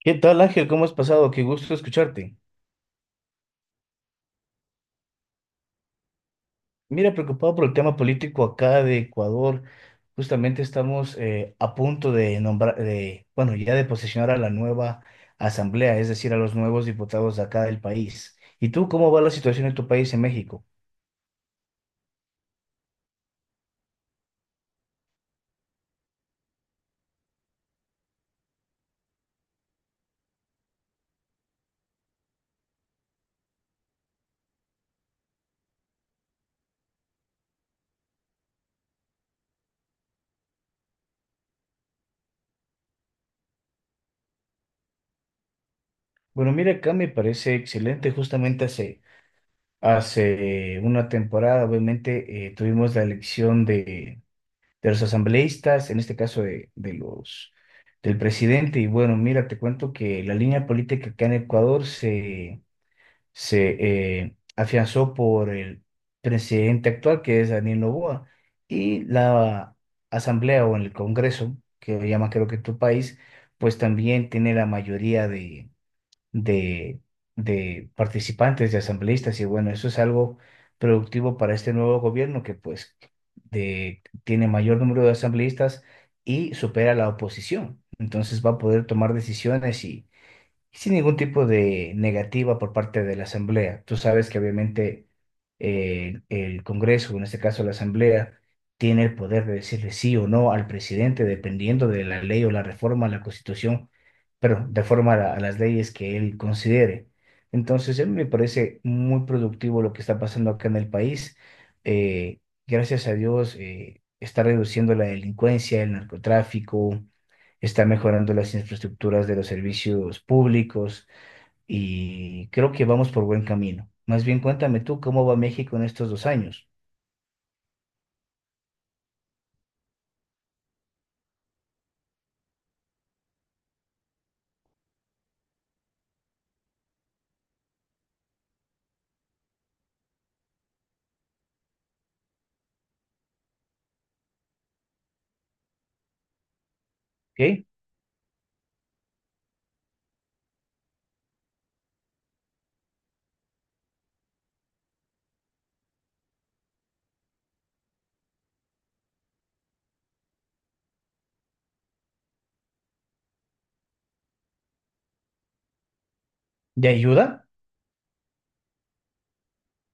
¿Qué tal, Ángel? ¿Cómo has pasado? Qué gusto escucharte. Mira, preocupado por el tema político acá de Ecuador. Justamente estamos a punto de nombrar, de, bueno, ya de posesionar a la nueva asamblea, es decir, a los nuevos diputados de acá del país. ¿Y tú cómo va la situación en tu país, en México? Bueno, mira, acá me parece excelente. Justamente hace una temporada, obviamente, tuvimos la elección de los asambleístas, en este caso de los, del presidente. Y bueno, mira, te cuento que la línea política acá en Ecuador se afianzó por el presidente actual, que es Daniel Noboa, y la asamblea o el Congreso, que lo llama creo que tu país, pues también tiene la mayoría de, de participantes, de asambleístas, y bueno, eso es algo productivo para este nuevo gobierno que pues de, tiene mayor número de asambleístas y supera a la oposición. Entonces va a poder tomar decisiones y sin ningún tipo de negativa por parte de la Asamblea. Tú sabes que obviamente el Congreso, en este caso la Asamblea, tiene el poder de decirle sí o no al presidente dependiendo de la ley o la reforma a la Constitución, pero de forma a las leyes que él considere. Entonces, a mí me parece muy productivo lo que está pasando acá en el país. Eh, gracias a Dios, está reduciendo la delincuencia, el narcotráfico está mejorando las infraestructuras de los servicios públicos y creo que vamos por buen camino. Más bien cuéntame tú cómo va México en estos 2 años, ¿ok? ¿De ayuda?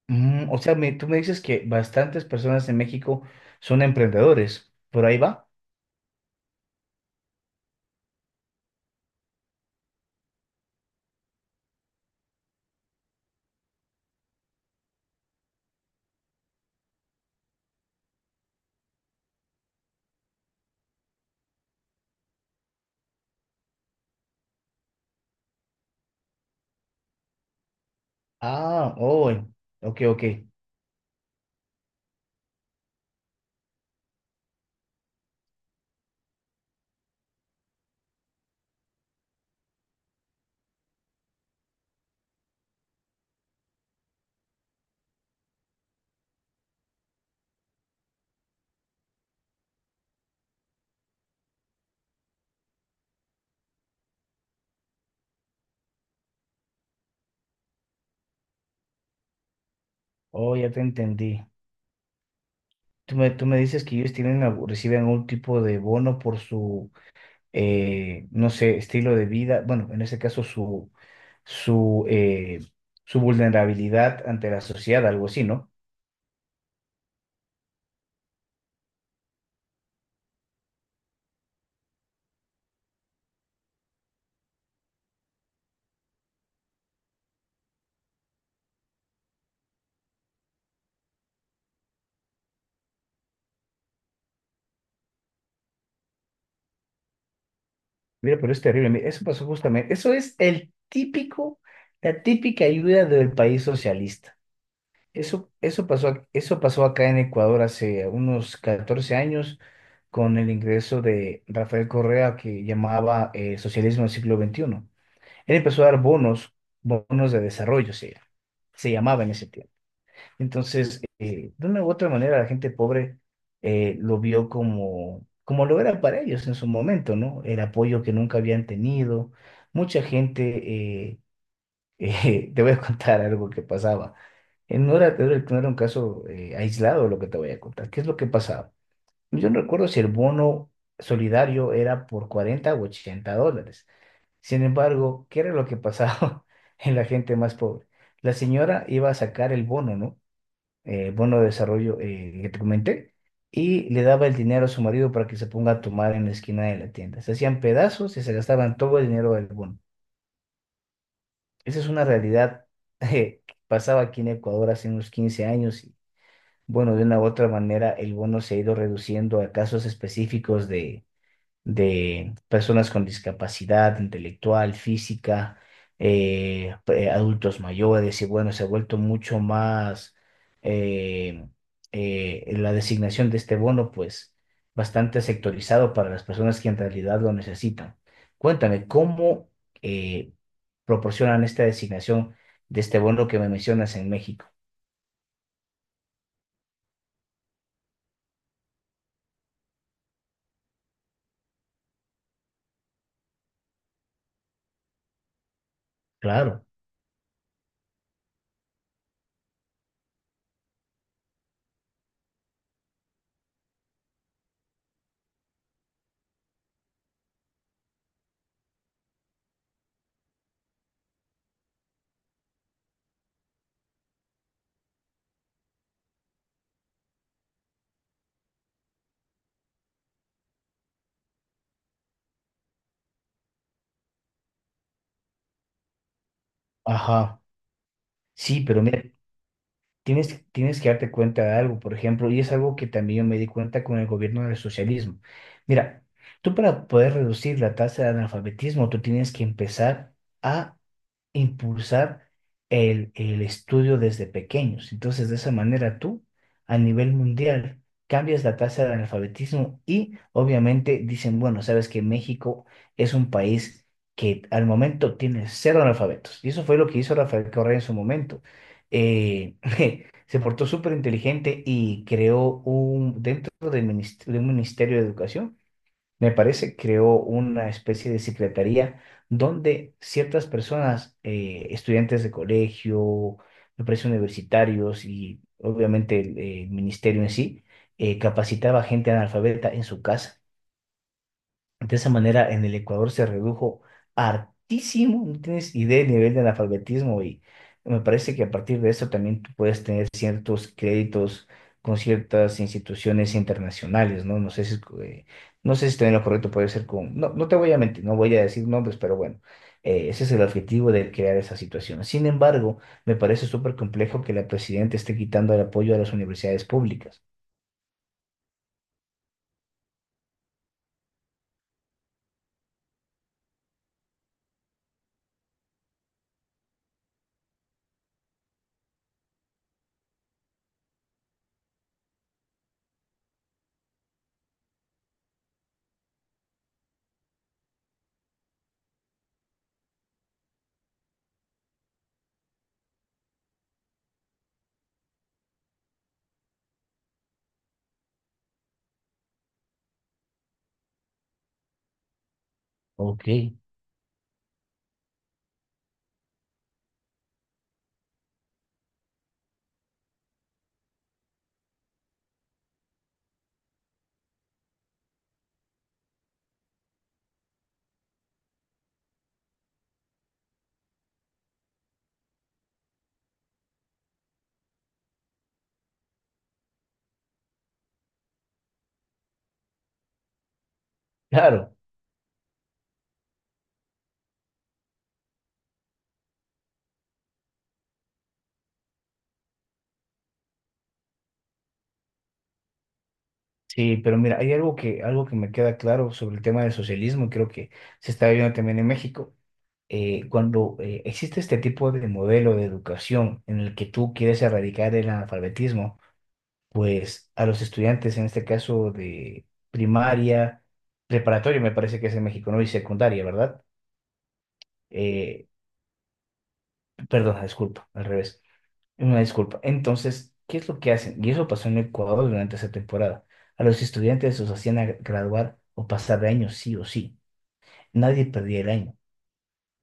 O sea, tú me dices que bastantes personas en México son emprendedores, ¿por ahí va? Ah, oh, ok, ok, oh, ya te entendí. Tú me dices que ellos tienen, reciben algún tipo de bono por su no sé, estilo de vida, bueno, en ese caso su su vulnerabilidad ante la sociedad, algo así, ¿no? Mira, pero es terrible, mira, eso pasó justamente, eso es el típico, la típica ayuda del país socialista. Eso pasó acá en Ecuador hace unos 14 años con el ingreso de Rafael Correa que llamaba socialismo del siglo XXI. Él empezó a dar bonos, bonos de desarrollo, se llamaba en ese tiempo. Entonces, de una u otra manera, la gente pobre lo vio como, como lo era para ellos en su momento, ¿no? El apoyo que nunca habían tenido. Mucha gente, te voy a contar algo que pasaba. No era, no era un caso aislado lo que te voy a contar. ¿Qué es lo que pasaba? Yo no recuerdo si el bono solidario era por $40 o $80. Sin embargo, ¿qué era lo que pasaba en la gente más pobre? La señora iba a sacar el bono, ¿no? Bono de desarrollo que te comenté, y le daba el dinero a su marido para que se ponga a tomar en la esquina de la tienda. Se hacían pedazos y se gastaban todo el dinero del bono. Esa es una realidad que pasaba aquí en Ecuador hace unos 15 años y bueno, de una u otra manera el bono se ha ido reduciendo a casos específicos de personas con discapacidad intelectual, física, adultos mayores, y bueno, se ha vuelto mucho más eh, la designación de este bono, pues bastante sectorizado para las personas que en realidad lo necesitan. Cuéntame, ¿cómo eh, proporcionan esta designación de este bono que me mencionas en México? Claro. Ajá. Sí, pero mira. Tienes que darte cuenta de algo, por ejemplo, y es algo que también yo me di cuenta con el gobierno del socialismo. Mira, tú para poder reducir la tasa de analfabetismo, tú tienes que empezar a impulsar el estudio desde pequeños. Entonces, de esa manera tú, a nivel mundial, cambias la tasa de analfabetismo y obviamente dicen, bueno, sabes que México es un país que al momento tiene cero analfabetos. Y eso fue lo que hizo Rafael Correa en su momento. Eh, se portó súper inteligente y creó un, dentro del de un ministerio de educación, me parece, creó una especie de secretaría donde ciertas personas, estudiantes de colegio, me parece universitarios y obviamente el, ministerio en sí, capacitaba gente analfabeta en su casa. De esa manera, en el Ecuador se redujo hartísimo, no tienes idea del nivel de analfabetismo y me parece que a partir de eso también tú puedes tener ciertos créditos con ciertas instituciones internacionales, ¿no? No sé si, no sé si estoy en lo correcto, puede ser con... No, no te voy a mentir, no voy a decir nombres, pero bueno, ese es el objetivo de crear esa situación. Sin embargo, me parece súper complejo que la presidenta esté quitando el apoyo a las universidades públicas. Ok, claro. Sí, pero mira, hay algo que me queda claro sobre el tema del socialismo, y creo que se está viendo también en México. Cuando existe este tipo de modelo de educación en el que tú quieres erradicar el analfabetismo, pues a los estudiantes, en este caso de primaria, preparatoria, me parece que es en México, ¿no? Y secundaria, ¿verdad? Eh, perdón, disculpa, al revés. Una disculpa. Entonces, ¿qué es lo que hacen? Y eso pasó en Ecuador durante esa temporada. A los estudiantes los hacían graduar o pasar de año sí o sí. Nadie perdía el año.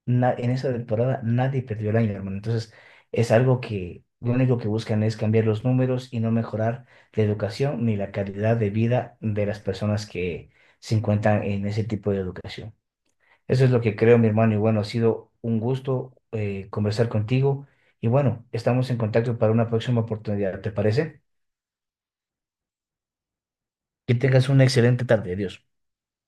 En esa temporada nadie perdió el año, hermano. Entonces, es algo que lo único que buscan es cambiar los números y no mejorar la educación ni la calidad de vida de las personas que se encuentran en ese tipo de educación. Eso es lo que creo, mi hermano. Y bueno, ha sido un gusto conversar contigo. Y bueno, estamos en contacto para una próxima oportunidad, ¿te parece? Que tengas una excelente tarde. Adiós.